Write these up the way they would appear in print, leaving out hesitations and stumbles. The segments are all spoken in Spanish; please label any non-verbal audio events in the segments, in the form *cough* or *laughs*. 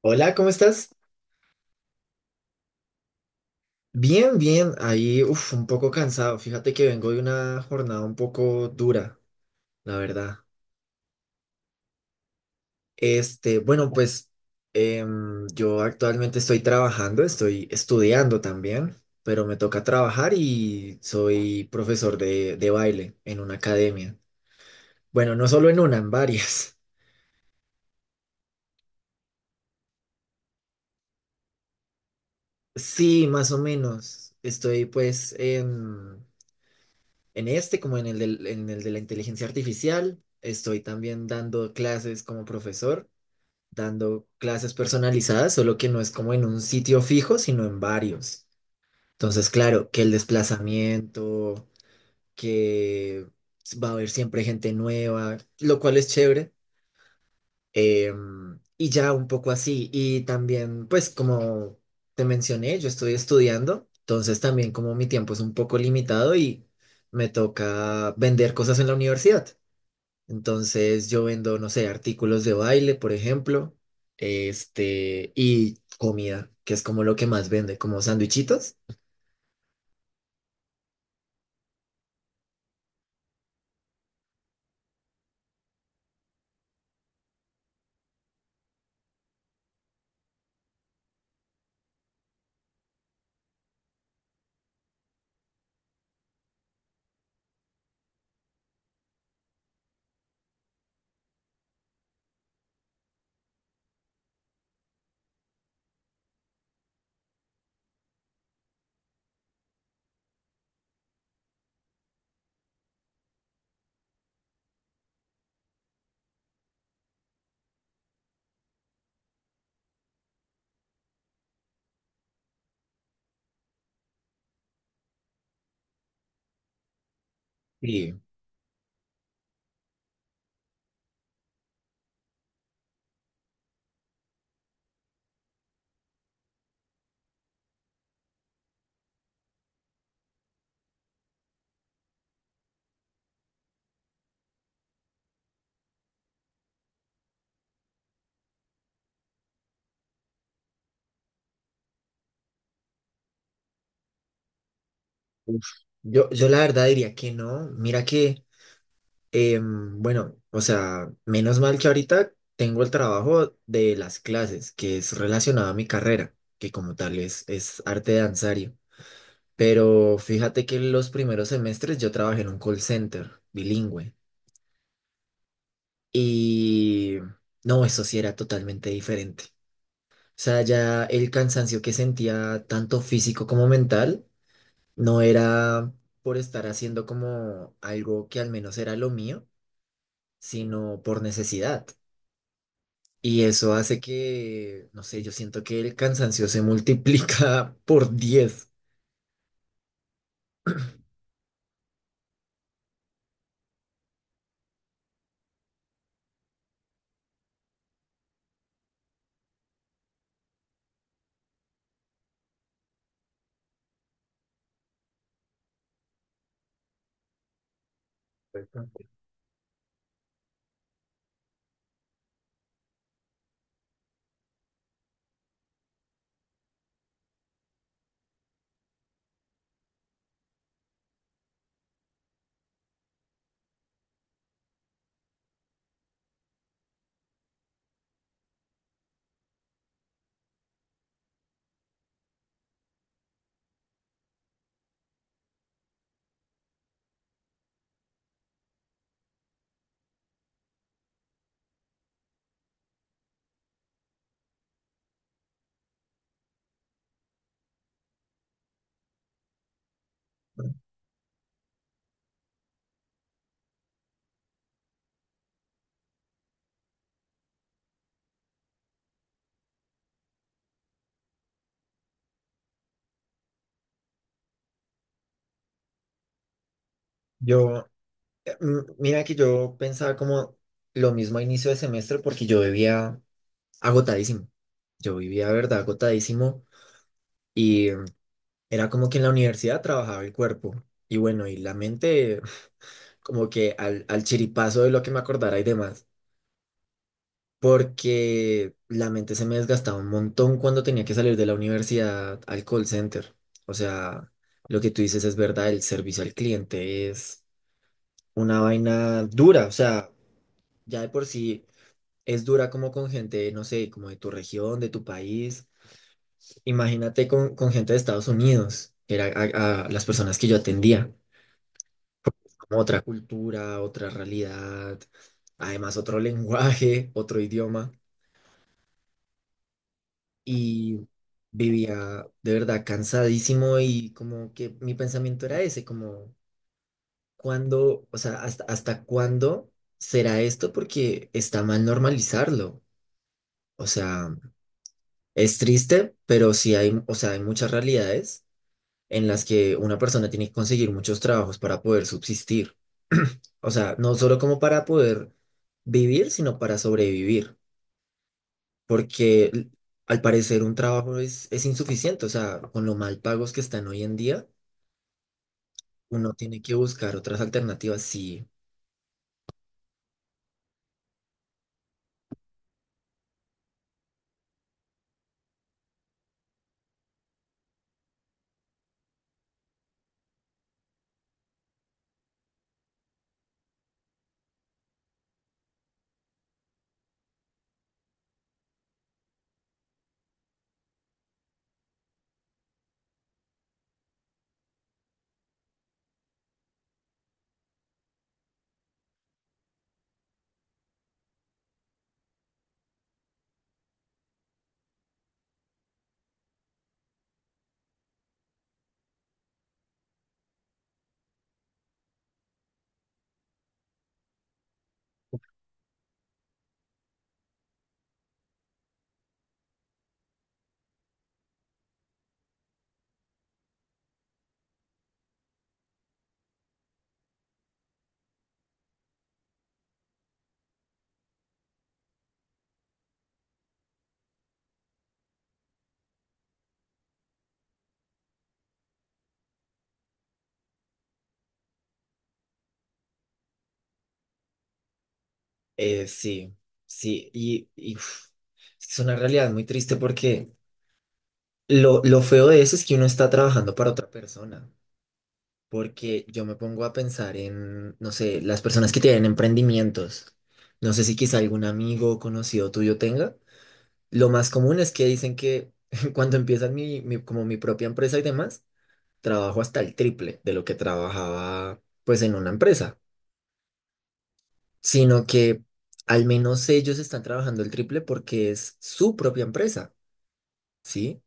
Hola, ¿cómo estás? Bien, bien. Ahí, un poco cansado. Fíjate que vengo de una jornada un poco dura, la verdad. Bueno, pues yo actualmente estoy trabajando, estoy estudiando también, pero me toca trabajar y soy profesor de baile en una academia. Bueno, no solo en una, en varias. *laughs* Sí, más o menos. Estoy pues en este, como en en el de la inteligencia artificial. Estoy también dando clases como profesor, dando clases personalizadas, solo que no es como en un sitio fijo, sino en varios. Entonces, claro, que el desplazamiento, que va a haber siempre gente nueva, lo cual es chévere. Y ya un poco así. Y también, pues como te mencioné, yo estoy estudiando, entonces también como mi tiempo es un poco limitado y me toca vender cosas en la universidad. Entonces yo vendo, no sé, artículos de baile, por ejemplo, y comida, que es como lo que más vende, como sandwichitos. Sí. uf, yo la verdad diría que no. Mira que... Bueno, o sea, menos mal que ahorita tengo el trabajo de las clases, que es relacionado a mi carrera, que como tal es arte danzario. Pero fíjate que los primeros semestres yo trabajé en un call center bilingüe y no, eso sí era totalmente diferente. O sea, ya el cansancio que sentía, tanto físico como mental, no era por estar haciendo como algo que al menos era lo mío, sino por necesidad. Y eso hace que, no sé, yo siento que el cansancio se multiplica *laughs* por diez. Yo, mira que yo pensaba como lo mismo a inicio de semestre porque yo vivía agotadísimo. Yo vivía, de verdad, agotadísimo y era como que en la universidad trabajaba el cuerpo y bueno, y la mente *laughs* como que al chiripazo de lo que me acordara y demás. Porque la mente se me desgastaba un montón cuando tenía que salir de la universidad al call center. O sea, lo que tú dices es verdad, el servicio al cliente es una vaina dura, o sea, ya de por sí es dura como con gente, no sé, como de tu región, de tu país. Imagínate con gente de Estados Unidos, que era a las personas que yo atendía, como otra cultura, otra realidad, además otro *laughs* lenguaje, otro idioma. Y vivía de verdad cansadísimo y como que mi pensamiento era ese, como cuándo, o sea, hasta cuándo será esto porque está mal normalizarlo. O sea, es triste, pero sí hay, o sea, hay muchas realidades en las que una persona tiene que conseguir muchos trabajos para poder subsistir. *clears throat* O sea, no solo como para poder vivir, sino para sobrevivir. Porque al parecer un trabajo es insuficiente, o sea, con lo mal pagos que están hoy en día, uno tiene que buscar otras alternativas, sí. Sí, sí, uf, es una realidad muy triste porque lo feo de eso es que uno está trabajando para otra persona, porque yo me pongo a pensar en, no sé, las personas que tienen emprendimientos. No sé si quizá algún amigo o conocido tuyo tenga, lo más común es que dicen que *laughs* cuando empiezan mi, mi- como mi propia empresa y demás, trabajo hasta el triple de lo que trabajaba pues en una empresa, sino que al menos ellos están trabajando el triple porque es su propia empresa, ¿sí?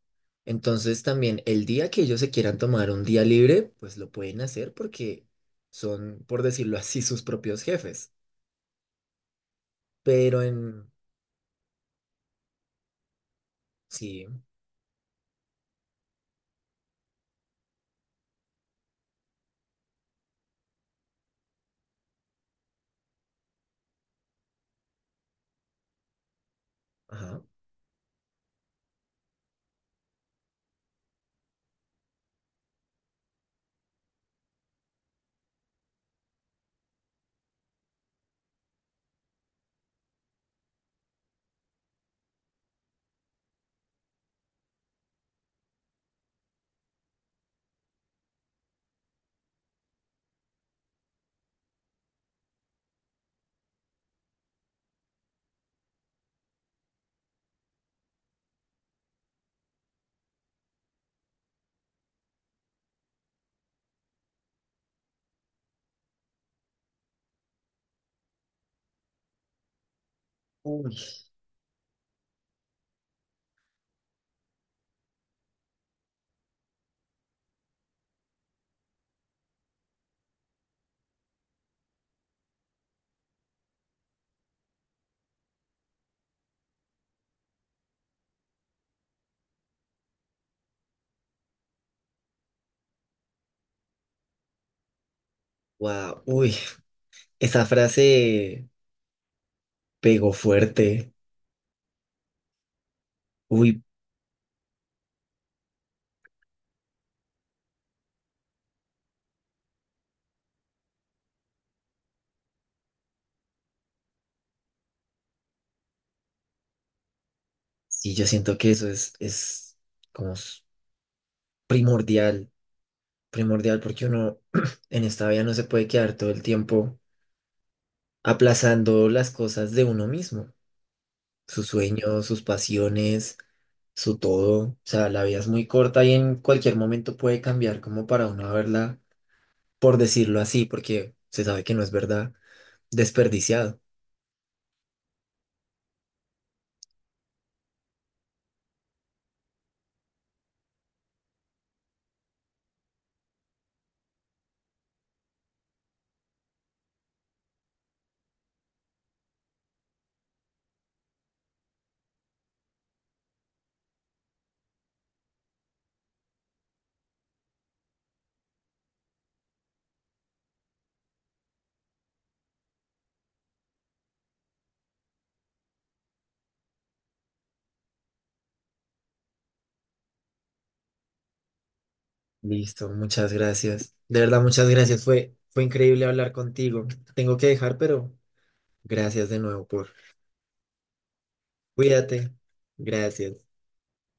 Entonces también el día que ellos se quieran tomar un día libre, pues lo pueden hacer porque son, por decirlo así, *laughs* sus propios jefes. Pero en... Sí, ajá. Uy. Wow, uy, esa frase pegó fuerte. Uy, sí, yo siento que eso es como primordial, primordial porque uno *clears throat* en esta vida no se puede quedar todo el tiempo aplazando las cosas de uno mismo, sus sueños, sus pasiones, su todo. O sea, la vida es muy corta y en cualquier momento puede cambiar como para uno verla, por decirlo así, porque se sabe que no es verdad, desperdiciado. Listo, muchas gracias. De verdad, muchas gracias. Fue increíble hablar contigo. Tengo que dejar, pero gracias de nuevo por... Cuídate. Gracias.